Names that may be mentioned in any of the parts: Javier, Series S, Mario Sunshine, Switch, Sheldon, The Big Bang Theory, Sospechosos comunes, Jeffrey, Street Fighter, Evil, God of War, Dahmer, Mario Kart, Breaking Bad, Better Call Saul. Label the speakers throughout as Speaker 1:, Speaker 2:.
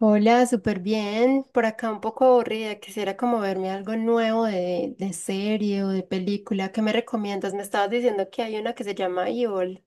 Speaker 1: Hola, súper bien. Por acá un poco aburrida. Quisiera como verme algo nuevo de serie o de película. ¿Qué me recomiendas? Me estabas diciendo que hay una que se llama Evil.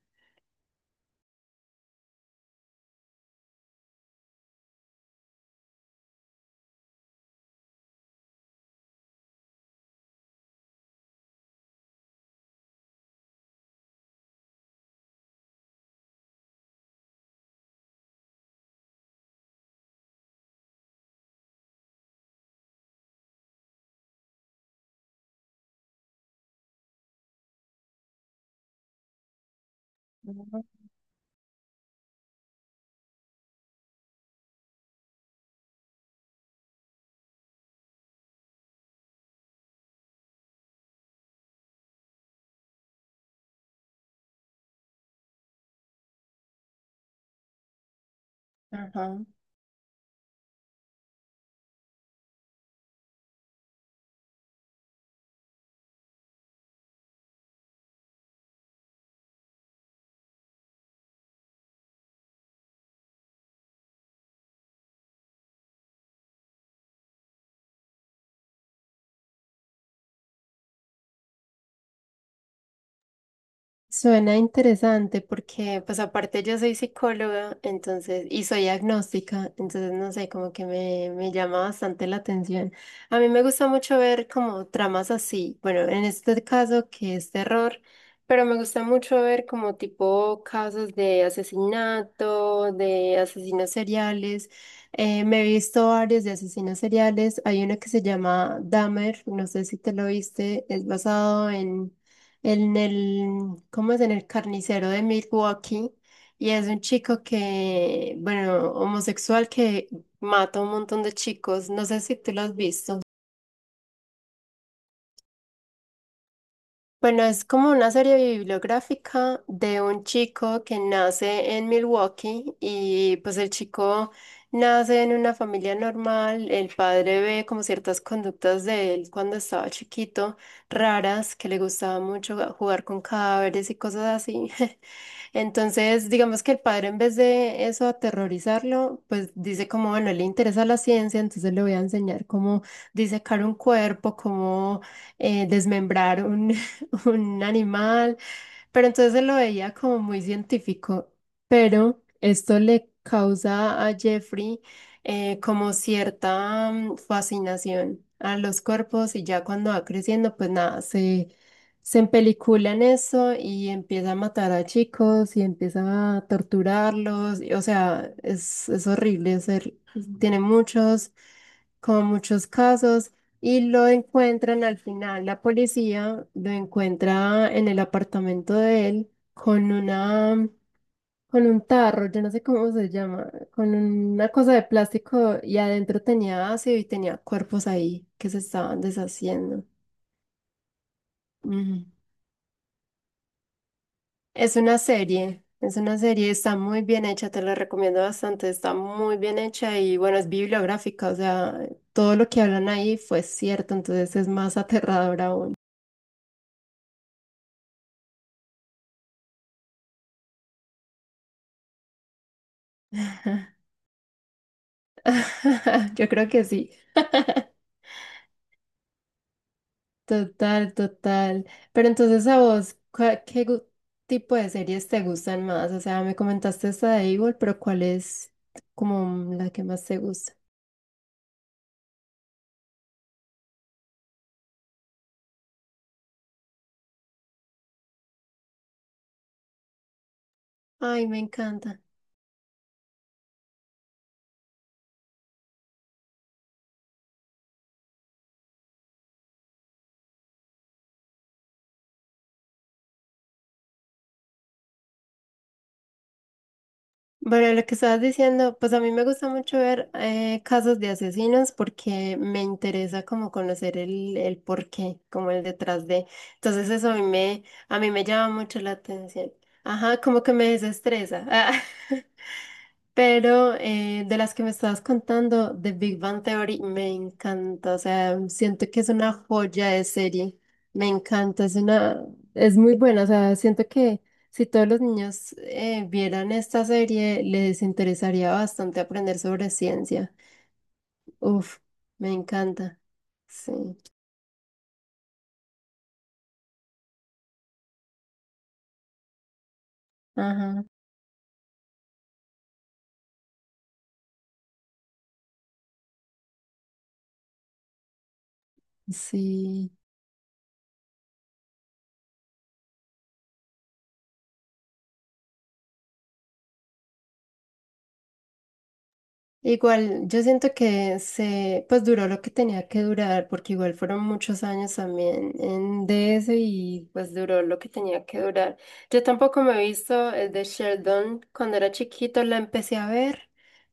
Speaker 1: Ajá. Suena interesante porque, pues aparte yo soy psicóloga, entonces, y soy agnóstica, entonces no sé, como que me llama bastante la atención. A mí me gusta mucho ver como tramas así, bueno, en este caso que es terror, pero me gusta mucho ver como tipo casos de asesinato, de asesinos seriales. Me he visto varios de asesinos seriales, hay uno que se llama Dahmer, no sé si te lo viste, es basado en en el, ¿cómo es? En el carnicero de Milwaukee. Y es un chico que, bueno, homosexual que mata a un montón de chicos. No sé si tú lo has visto. Bueno, es como una serie bibliográfica de un chico que nace en Milwaukee y pues el chico nace en una familia normal, el padre ve como ciertas conductas de él cuando estaba chiquito, raras, que le gustaba mucho jugar con cadáveres y cosas así. Entonces, digamos que el padre en vez de eso aterrorizarlo, pues dice como, bueno, le interesa la ciencia, entonces le voy a enseñar cómo disecar un cuerpo, cómo desmembrar un animal, pero entonces se lo veía como muy científico. Pero esto le causa a Jeffrey como cierta fascinación a los cuerpos y ya cuando va creciendo, pues nada, se empelicula en eso y empieza a matar a chicos y empieza a torturarlos. Y, o sea, es horrible, tiene muchos con muchos casos y lo encuentran al final, la policía lo encuentra en el apartamento de él con una, con un tarro, yo no sé cómo se llama, con una cosa de plástico y adentro tenía ácido y tenía cuerpos ahí que se estaban deshaciendo. Ujú. Es una serie. Es una serie, está muy bien hecha, te la recomiendo bastante, está muy bien hecha y bueno, es bibliográfica, o sea, todo lo que hablan ahí fue cierto, entonces es más aterrador aún. Yo creo que sí, total, total. Pero entonces a vos, ¿qué tipo de series te gustan más? O sea, me comentaste esta de Evil, pero ¿cuál es como la que más te gusta? Ay, me encanta. Bueno, lo que estabas diciendo, pues a mí me gusta mucho ver casos de asesinos porque me interesa como conocer el porqué, como el detrás de. Entonces eso a mí me llama mucho la atención. Ajá, como que me desestresa. Ah. Pero de las que me estabas contando, The Big Bang Theory, me encanta. O sea, siento que es una joya de serie. Me encanta, es una, es muy buena. O sea, siento que si todos los niños vieran esta serie, les interesaría bastante aprender sobre ciencia. Uf, me encanta. Sí. Ajá. Sí. Igual, yo siento que se, pues duró lo que tenía que durar, porque igual fueron muchos años también en DS y pues duró lo que tenía que durar. Yo tampoco me he visto el de Sheldon cuando era chiquito, la empecé a ver,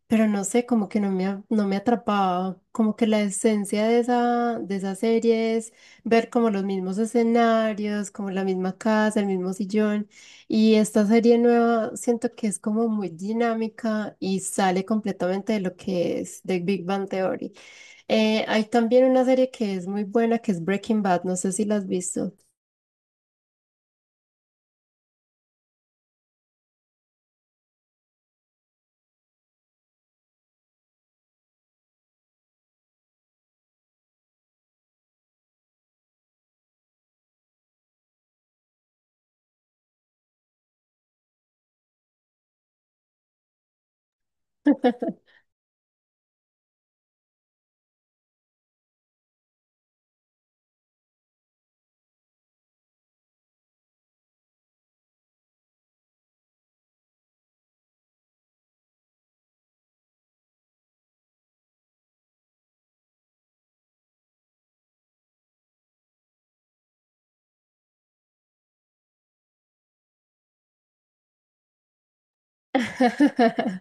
Speaker 1: pero no sé, como que no me atrapaba, como que la esencia de de esa serie es ver como los mismos escenarios, como la misma casa, el mismo sillón. Y esta serie nueva siento que es como muy dinámica y sale completamente de lo que es The Big Bang Theory. Hay también una serie que es muy buena, que es Breaking Bad, no sé si la has visto.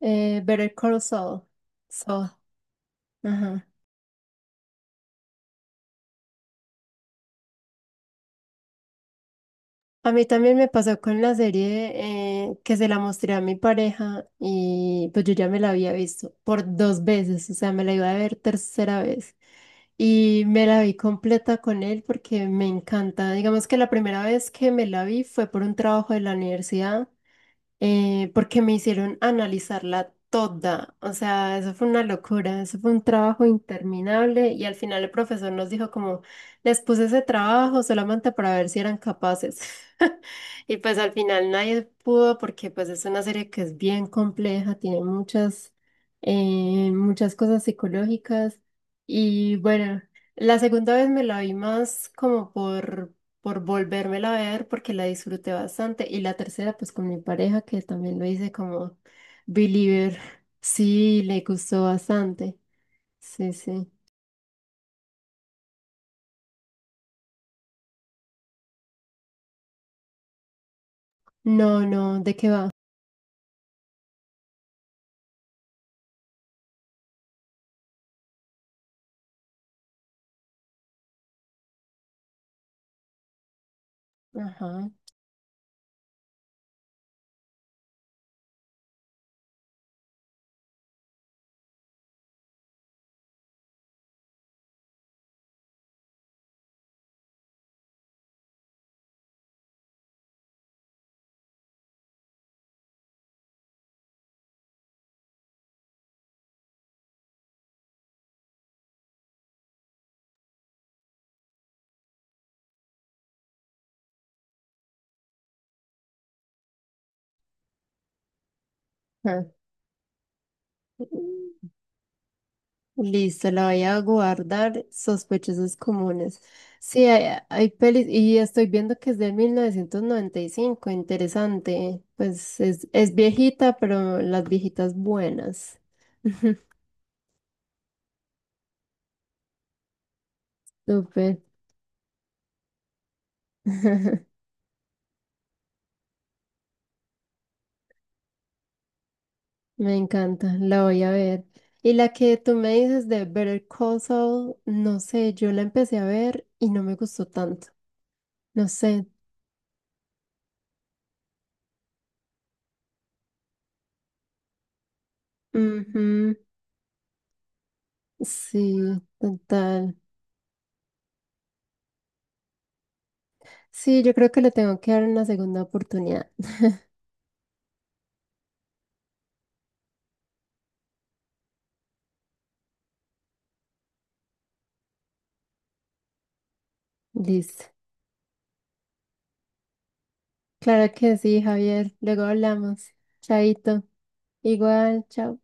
Speaker 1: Better Call Saul. Saul, ajá. A mí también me pasó con la serie que se la mostré a mi pareja y pues yo ya me la había visto por dos veces, o sea, me la iba a ver tercera vez y me la vi completa con él porque me encanta. Digamos que la primera vez que me la vi fue por un trabajo de la universidad porque me hicieron analizarla toda. O sea, eso fue una locura, eso fue un trabajo interminable y al final el profesor nos dijo como, les puse ese trabajo solamente para ver si eran capaces. Y pues al final nadie pudo porque pues es una serie que es bien compleja, tiene muchas, muchas cosas psicológicas y bueno. La segunda vez me la vi más como por volvérmela a ver porque la disfruté bastante. Y la tercera, pues con mi pareja, que también lo hice como believer. Sí, le gustó bastante. Sí, sí. No, no, ¿de qué va? Ajá. Ah. Listo, la voy a guardar. Sospechosos comunes. Sí, hay pelis y estoy viendo que es de 1995. Interesante. Pues es viejita, pero las viejitas buenas. Súper. Me encanta, la voy a ver. Y la que tú me dices de Better Call Saul, no sé, yo la empecé a ver y no me gustó tanto. No sé. Ujú, sí, total. Sí, yo creo que le tengo que dar una segunda oportunidad. Listo. Claro que sí, Javier. Luego hablamos. Chaito. Igual, chao.